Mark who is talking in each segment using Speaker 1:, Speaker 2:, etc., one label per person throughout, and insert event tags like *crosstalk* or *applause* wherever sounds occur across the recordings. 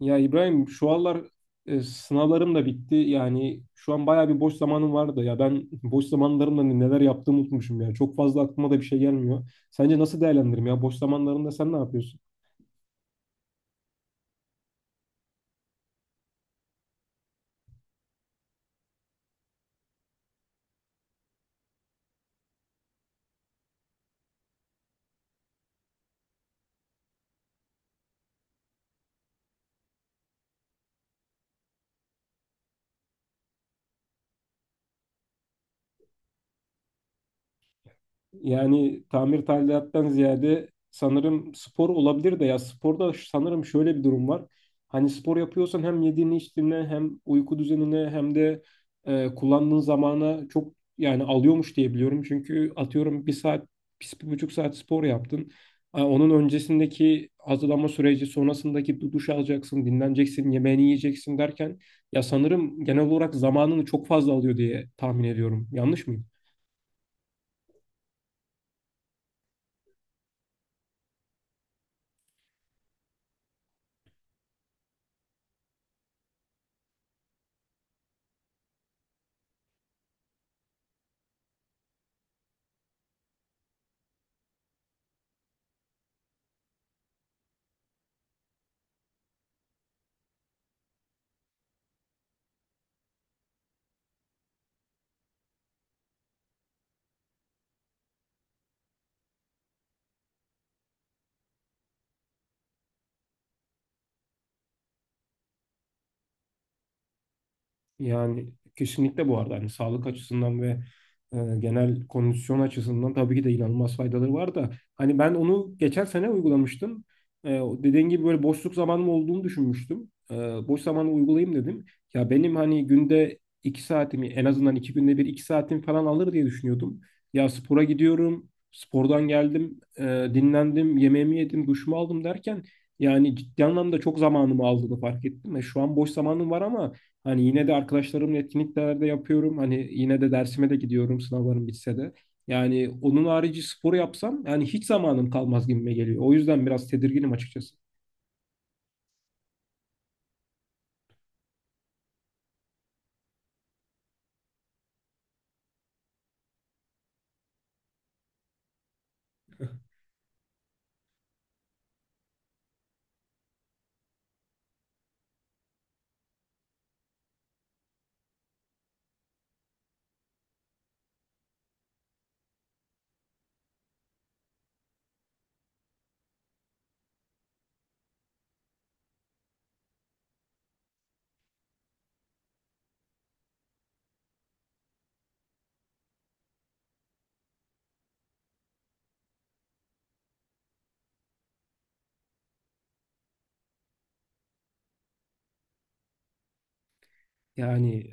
Speaker 1: Ya İbrahim şu aralar sınavlarım da bitti. Yani şu an bayağı bir boş zamanım vardı. Ya ben boş zamanlarımda neler yaptığımı unutmuşum ya. Çok fazla aklıma da bir şey gelmiyor. Sence nasıl değerlendiririm ya? Boş zamanlarında sen ne yapıyorsun? Yani tamir tadilattan ziyade sanırım spor olabilir de ya sporda sanırım şöyle bir durum var. Hani spor yapıyorsan hem yediğini içtiğine hem uyku düzenine hem de kullandığın zamana çok yani alıyormuş diye biliyorum. Çünkü atıyorum bir saat, bir buçuk saat spor yaptın. Onun öncesindeki hazırlanma süreci, sonrasındaki duş alacaksın, dinleneceksin, yemeğini yiyeceksin derken ya sanırım genel olarak zamanını çok fazla alıyor diye tahmin ediyorum. Yanlış mı? Yani kesinlikle bu arada hani sağlık açısından ve genel kondisyon açısından tabii ki de inanılmaz faydaları var da hani ben onu geçen sene uygulamıştım. O dediğin gibi böyle boşluk zamanım olduğunu düşünmüştüm. Boş zamanı uygulayayım dedim. Ya benim hani günde iki saatimi en azından iki günde bir iki saatim falan alır diye düşünüyordum. Ya spora gidiyorum, spordan geldim, dinlendim, yemeğimi yedim, duşumu aldım derken yani ciddi anlamda çok zamanımı aldığını fark ettim. Şu an boş zamanım var ama hani yine de arkadaşlarımla etkinliklerde yapıyorum. Hani yine de dersime de gidiyorum sınavlarım bitse de. Yani onun harici spor yapsam yani hiç zamanım kalmaz gibime geliyor. O yüzden biraz tedirginim açıkçası. Yani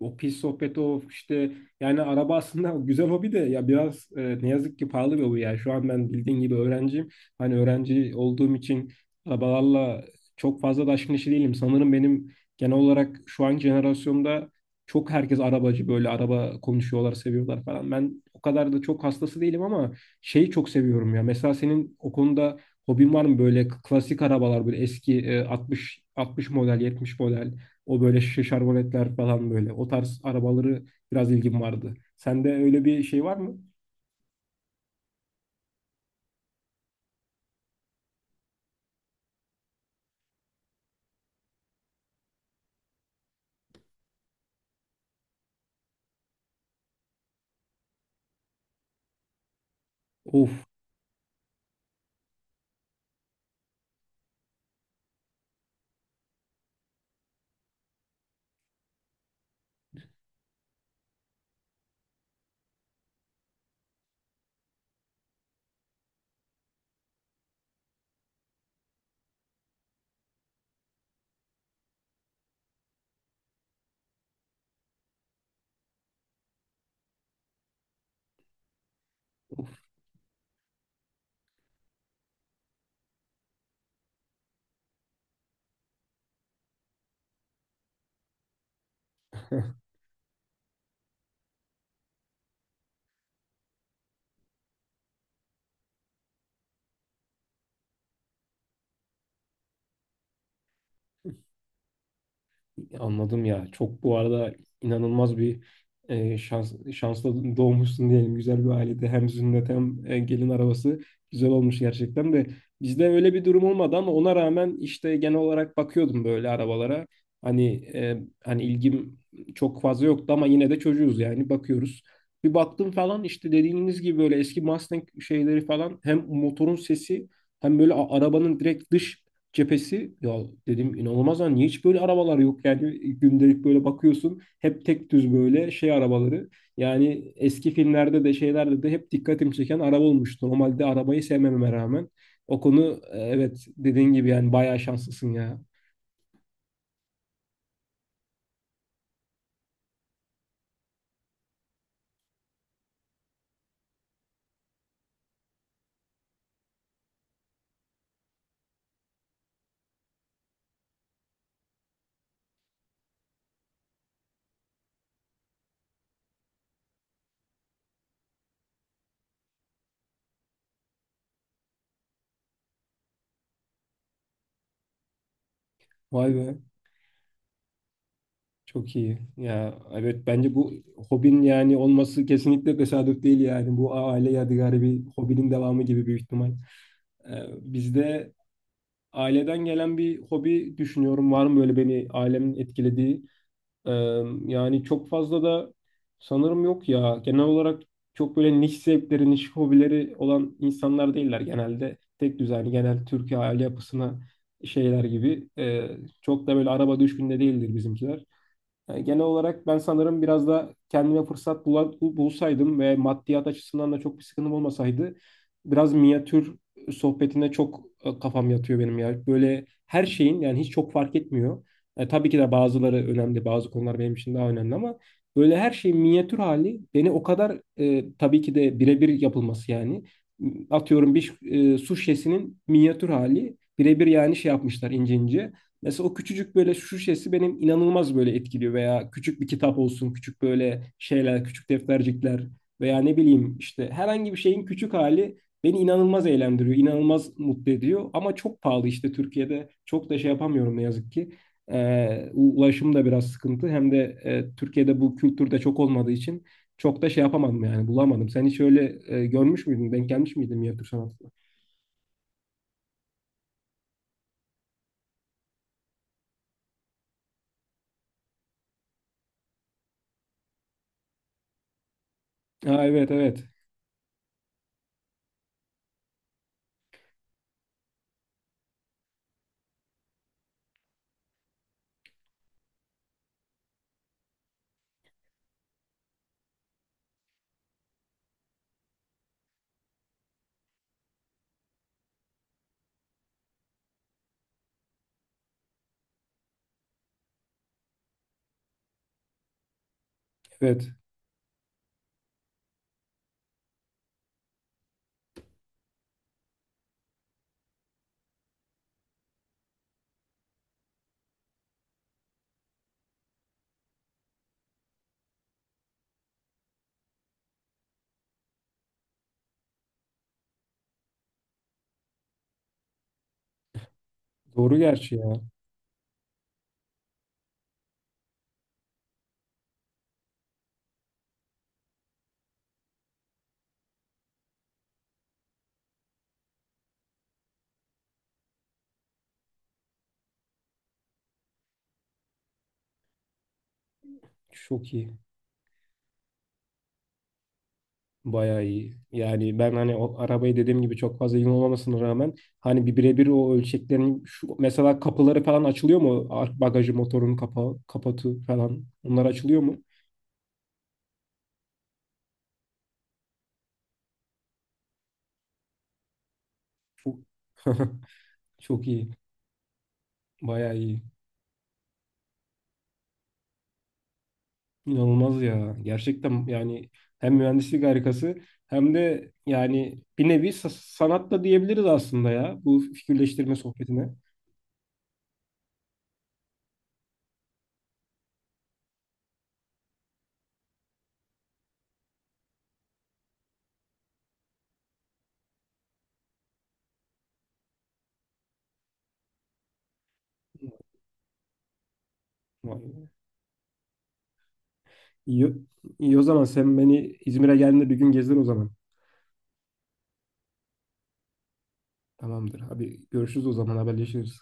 Speaker 1: o pis sohbet o işte yani araba aslında *laughs* güzel hobi de ya biraz ne yazık ki pahalı bir hobi yani şu an ben bildiğin gibi öğrenciyim. Hani öğrenci olduğum için arabalarla çok fazla da aşkın işi değilim. Sanırım benim genel olarak şu an jenerasyonda çok herkes arabacı böyle araba konuşuyorlar seviyorlar falan. Ben o kadar da çok hastası değilim ama şeyi çok seviyorum ya. Mesela senin o konuda hobin var mı böyle klasik arabalar böyle eski 60 model 70 model o böyle şişe şarboletler falan böyle. O tarz arabaları biraz ilgim vardı. Sende öyle bir şey var mı? Of. *laughs* Anladım ya. Çok bu arada inanılmaz bir şanslı doğmuşsun diyelim. Güzel bir ailede hem sünnet hem gelin arabası güzel olmuş gerçekten de. Bizde öyle bir durum olmadı ama ona rağmen işte genel olarak bakıyordum böyle arabalara. Hani ilgim çok fazla yoktu ama yine de çocuğuz yani bakıyoruz. Bir baktım falan işte dediğiniz gibi böyle eski Mustang şeyleri falan hem motorun sesi hem böyle arabanın direkt dış cephesi ya dedim inanılmaz lan niye hiç böyle arabalar yok yani gündelik böyle bakıyorsun hep tek düz böyle şey arabaları yani eski filmlerde de şeylerde de hep dikkatimi çeken araba olmuştu normalde arabayı sevmeme rağmen o konu evet dediğin gibi yani bayağı şanslısın ya vay be çok iyi ya evet bence bu hobin yani olması kesinlikle tesadüf değil yani bu aile yadigarı bir hobinin devamı gibi büyük ihtimal. Ee, Bizde aileden gelen bir hobi düşünüyorum. Var mı böyle beni ailemin etkilediği? Ee, Yani çok fazla da sanırım yok ya. Genel olarak çok böyle niş zevkleri, niş hobileri olan insanlar değiller genelde. Tek düzenli, genel Türkiye aile yapısına şeyler gibi. Çok da böyle araba düşkünde değildir bizimkiler. Yani genel olarak ben sanırım biraz da kendime fırsat bulsaydım ve maddiyat açısından da çok bir sıkıntım olmasaydı biraz minyatür sohbetine çok kafam yatıyor benim ya. Böyle her şeyin yani hiç çok fark etmiyor. Tabii ki de bazıları önemli, bazı konular benim için daha önemli ama böyle her şeyin minyatür hali beni o kadar tabii ki de birebir yapılması yani. Atıyorum bir su şişesinin minyatür hali birebir yani şey yapmışlar ince ince. Mesela o küçücük böyle şu şişesi benim inanılmaz böyle etkiliyor veya küçük bir kitap olsun, küçük böyle şeyler, küçük deftercikler veya ne bileyim işte herhangi bir şeyin küçük hali beni inanılmaz eğlendiriyor, inanılmaz mutlu ediyor ama çok pahalı işte Türkiye'de çok da şey yapamıyorum ne yazık ki. Ee, Ulaşım da biraz sıkıntı hem de Türkiye'de bu kültürde çok olmadığı için çok da şey yapamadım yani bulamadım. Sen hiç öyle görmüş müydün, denk gelmiş miydin minyatür sanatına? Ha, evet evet evet doğru gerçi ya çok iyi. Bayağı iyi. Yani ben hani o arabayı dediğim gibi çok fazla yığın olmamasına rağmen hani bir birebir o ölçeklerin şu mesela kapıları falan açılıyor mu? Bagajı motorun kapağı, kapatı falan. Onlar açılıyor mu? Çok, *laughs* çok iyi. Bayağı iyi. İnanılmaz ya. Gerçekten yani hem mühendislik harikası hem de yani bir nevi sanat da diyebiliriz aslında ya bu fikirleştirme sohbetine. Vay. İyi, iyi o zaman sen beni İzmir'e geldiğinde bir gün gezdir o zaman. Tamamdır. Hadi görüşürüz o zaman haberleşiriz.